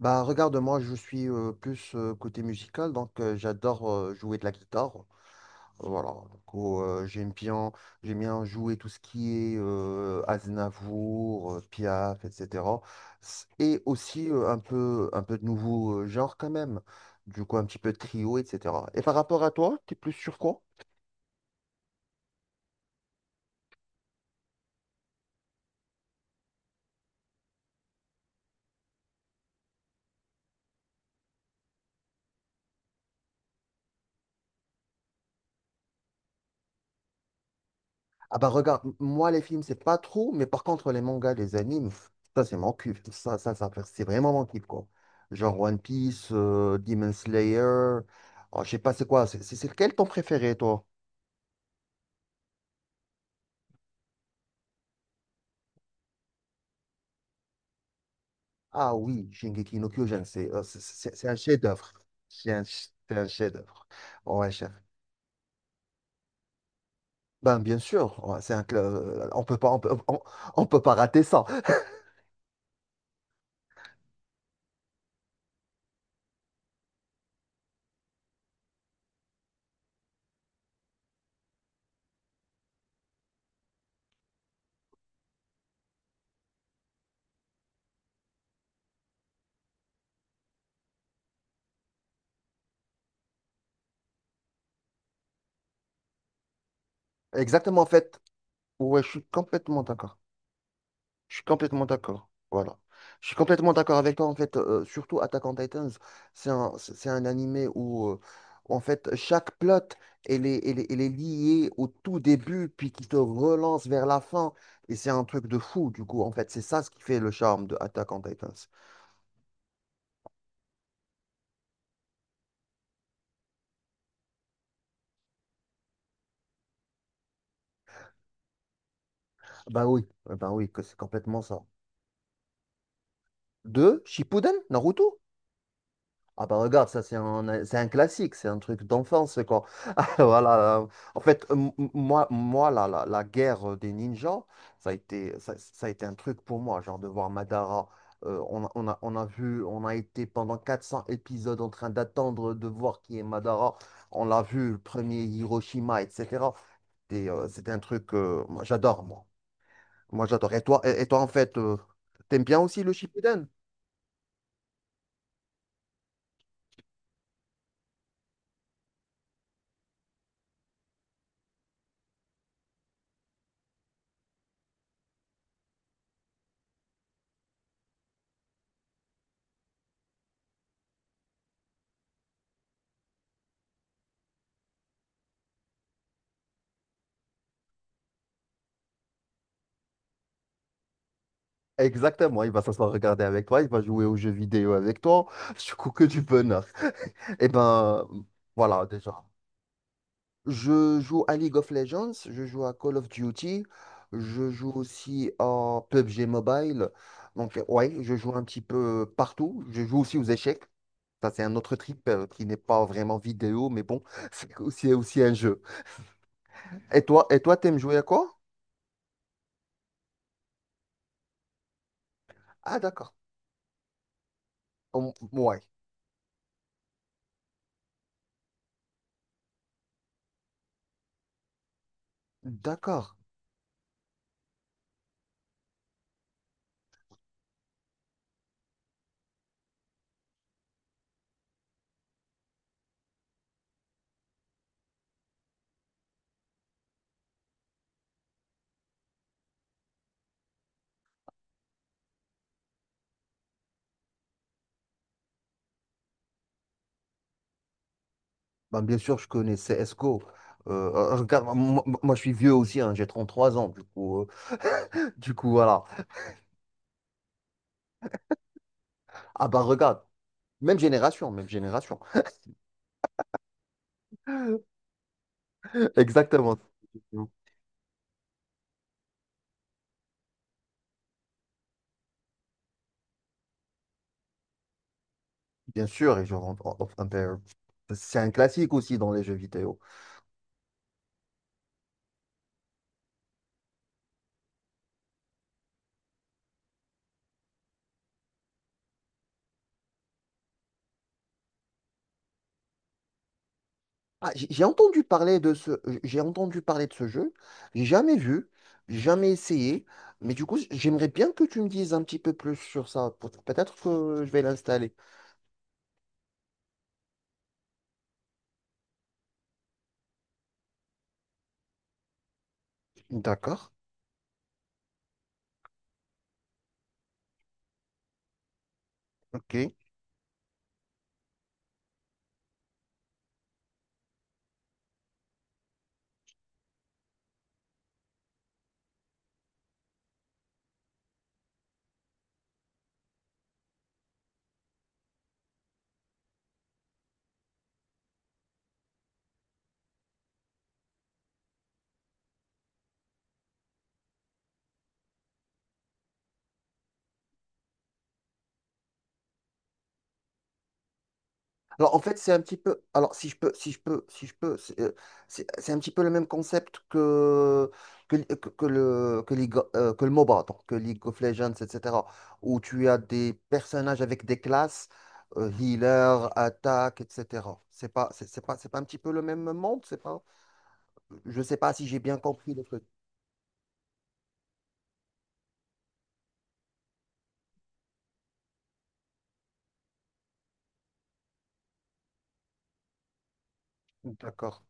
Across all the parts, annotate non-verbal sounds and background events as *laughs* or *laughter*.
Bah, regarde, moi, je suis plus côté musical, donc j'adore jouer de la guitare. Voilà, donc, oh, j'aime bien jouer tout ce qui est Aznavour, Piaf, etc. Et aussi un peu de nouveau genre quand même, du coup un petit peu de trio, etc. Et par rapport à toi, t'es plus sur quoi? Ah, bah regarde, moi les films c'est pas trop, mais par contre les mangas, les animes, ça c'est mon kiff, ça c'est vraiment mon kiff quoi. Genre One Piece, Demon Slayer, oh, je sais pas c'est quoi, c'est lequel ton préféré toi? Ah oui, Shingeki no Kyojin, c'est un chef-d'œuvre, c'est un chef-d'œuvre, ouais chef. Ben bien sûr, ouais, c'est un on peut pas rater ça. Exactement en fait, ouais, je suis complètement d'accord. Je suis complètement d'accord. Voilà. Je suis complètement d'accord avec toi. En fait, surtout Attack on Titans, c'est un animé où, en fait, chaque plot, elle est liée au tout début, puis qui te relance vers la fin. Et c'est un truc de fou, du coup. En fait, c'est ça ce qui fait le charme de Attack on Titans. Bah oui, que c'est complètement ça. De, Shippuden, Naruto? Ah, bah regarde, c'est un classique, c'est un truc d'enfance, quoi. *laughs* Voilà. En fait, moi la guerre des ninjas, ça a été un truc pour moi, genre de voir Madara. On a été pendant 400 épisodes en train d'attendre de voir qui est Madara. On l'a vu, le premier Hiroshima, etc. C'était un truc, moi, j'adore, moi. Moi, j'adore. Et toi, en fait, t'aimes bien aussi le Shippuden? Exactement, il va s'asseoir regarder avec toi, il va jouer aux jeux vidéo avec toi, *laughs* du coup que du bonheur. Et ben voilà déjà. Je joue à League of Legends, je joue à Call of Duty, je joue aussi à PUBG Mobile. Donc, ouais, je joue un petit peu partout. Je joue aussi aux échecs. Ça, c'est un autre trip qui n'est pas vraiment vidéo, mais bon, *laughs* c'est aussi un jeu. Et toi, t'aimes jouer à quoi? Ah, d'accord. Ouais, d'accord. Ben, bien sûr, je connais CSGO. Regarde, moi, je suis vieux aussi, hein, j'ai 33 ans, du coup, *laughs* du coup, voilà. Ah, bah, regarde, même génération, même génération. Exactement. Bien sûr, et je rentre en- en- un peu- C'est un classique aussi dans les jeux vidéo. Ah, j'ai entendu parler de ce jeu. J'ai jamais vu, j'ai jamais essayé. Mais du coup, j'aimerais bien que tu me dises un petit peu plus sur ça. Peut-être que je vais l'installer. D'accord. Ok. Alors, en fait, c'est un petit peu. Alors, si je peux, si je peux, si je peux, c'est un petit peu le même concept que que le MOBA, donc que League of Legends, etc. Où tu as des personnages avec des classes, healer, attaque, etc. C'est pas un petit peu le même monde, c'est pas. Je sais pas si j'ai bien compris le truc. D'accord.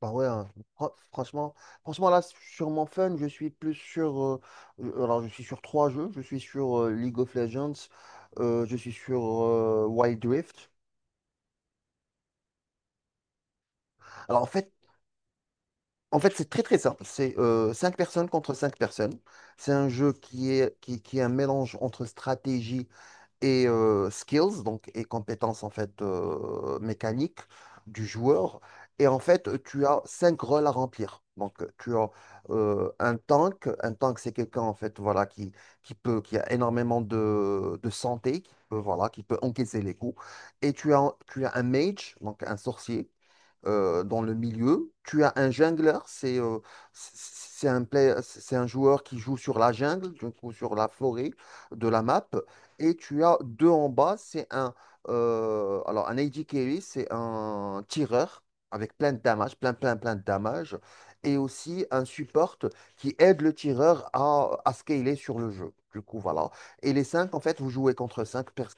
Bah ouais, hein, fr- franchement, franchement là, sur mon fun, je suis plus sur... je- alors, je suis sur trois jeux. Je suis sur League of Legends, je suis sur Wild Rift. Alors, en fait, c'est très très simple. C'est cinq personnes contre cinq personnes. C'est un jeu qui est un mélange entre stratégie et skills, donc et compétences en fait mécaniques du joueur. Et en fait, tu as cinq rôles à remplir. Donc, tu as un tank. Un tank, c'est quelqu'un en fait, voilà, qui a énormément de santé, voilà, qui peut encaisser les coups. Et tu as un mage, donc un sorcier, dans le milieu. Tu as un jongleur, c'est un joueur qui joue sur la jungle, du coup, sur la forêt de la map. Et tu as deux en bas, c'est un alors un AD carry, c'est un tireur avec plein de damage, plein plein plein de damage, et aussi un support qui aide le tireur à scaler sur le jeu. Du coup, voilà. Et les cinq, en fait, vous jouez contre cinq personnes.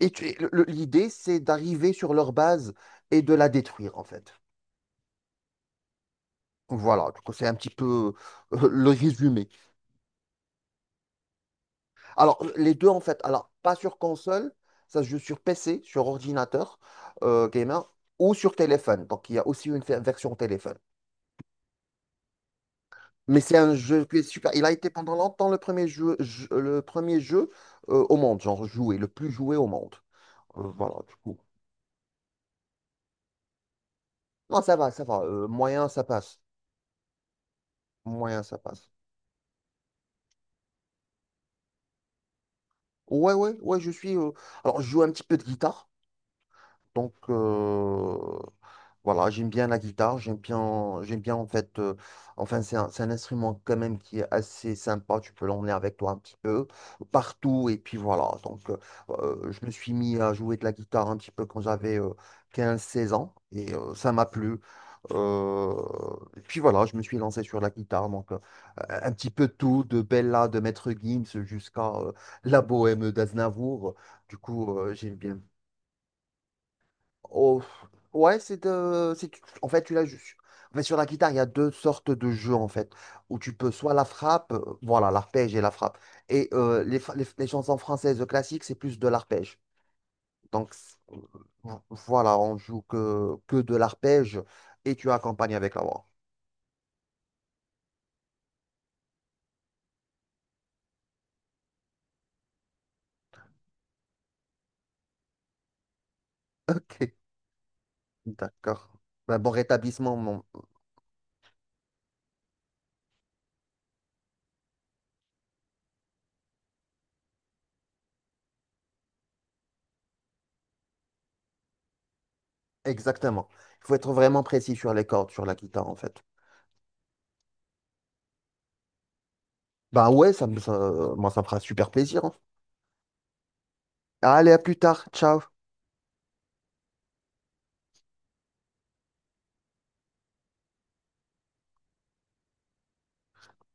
Et l'idée, c'est d'arriver sur leur base et de la détruire, en fait. Voilà, donc c'est un petit peu *laughs* le résumé. Alors, les deux, en fait, alors, pas sur console, ça se joue sur PC, sur ordinateur gamer, ou sur téléphone. Donc, il y a aussi une version téléphone. Mais c'est un jeu qui est super. Il a été pendant longtemps le premier jeu, le premier jeu au monde, genre joué, le plus joué au monde. Voilà, du coup. Non, ça va, ça va. Moyen, ça passe. Moyen, ça passe. Ouais, ouais, ouais, je suis. Alors, je joue un petit peu de guitare. Donc, voilà, j'aime bien la guitare, j'aime bien en fait, enfin, c'est un instrument quand même qui est assez sympa, tu peux l'emmener avec toi un petit peu partout, et puis voilà. Donc, je me suis mis à jouer de la guitare un petit peu quand j'avais 15, 16 ans, et ça m'a plu. Euh, et puis voilà, je me suis lancé sur la guitare, donc un petit peu tout, de Bella, de Maître Gims jusqu'à la bohème d'Aznavour. Du coup, j'aime bien. Oh, ouais, En fait, tu l'as juste. En fait, sur la guitare, il y a deux sortes de jeux, en fait, où tu peux soit la frappe, voilà, l'arpège et la frappe. Et les chansons françaises classiques, c'est plus de l'arpège. Donc, voilà, on joue que de l'arpège et tu accompagnes avec la voix. *laughs* Ok, d'accord. Bah, bon rétablissement, exactement. Il faut être vraiment précis sur les cordes, sur la guitare, en fait. Bah ouais, moi, ça me fera super plaisir, hein. Allez, à plus tard. Ciao.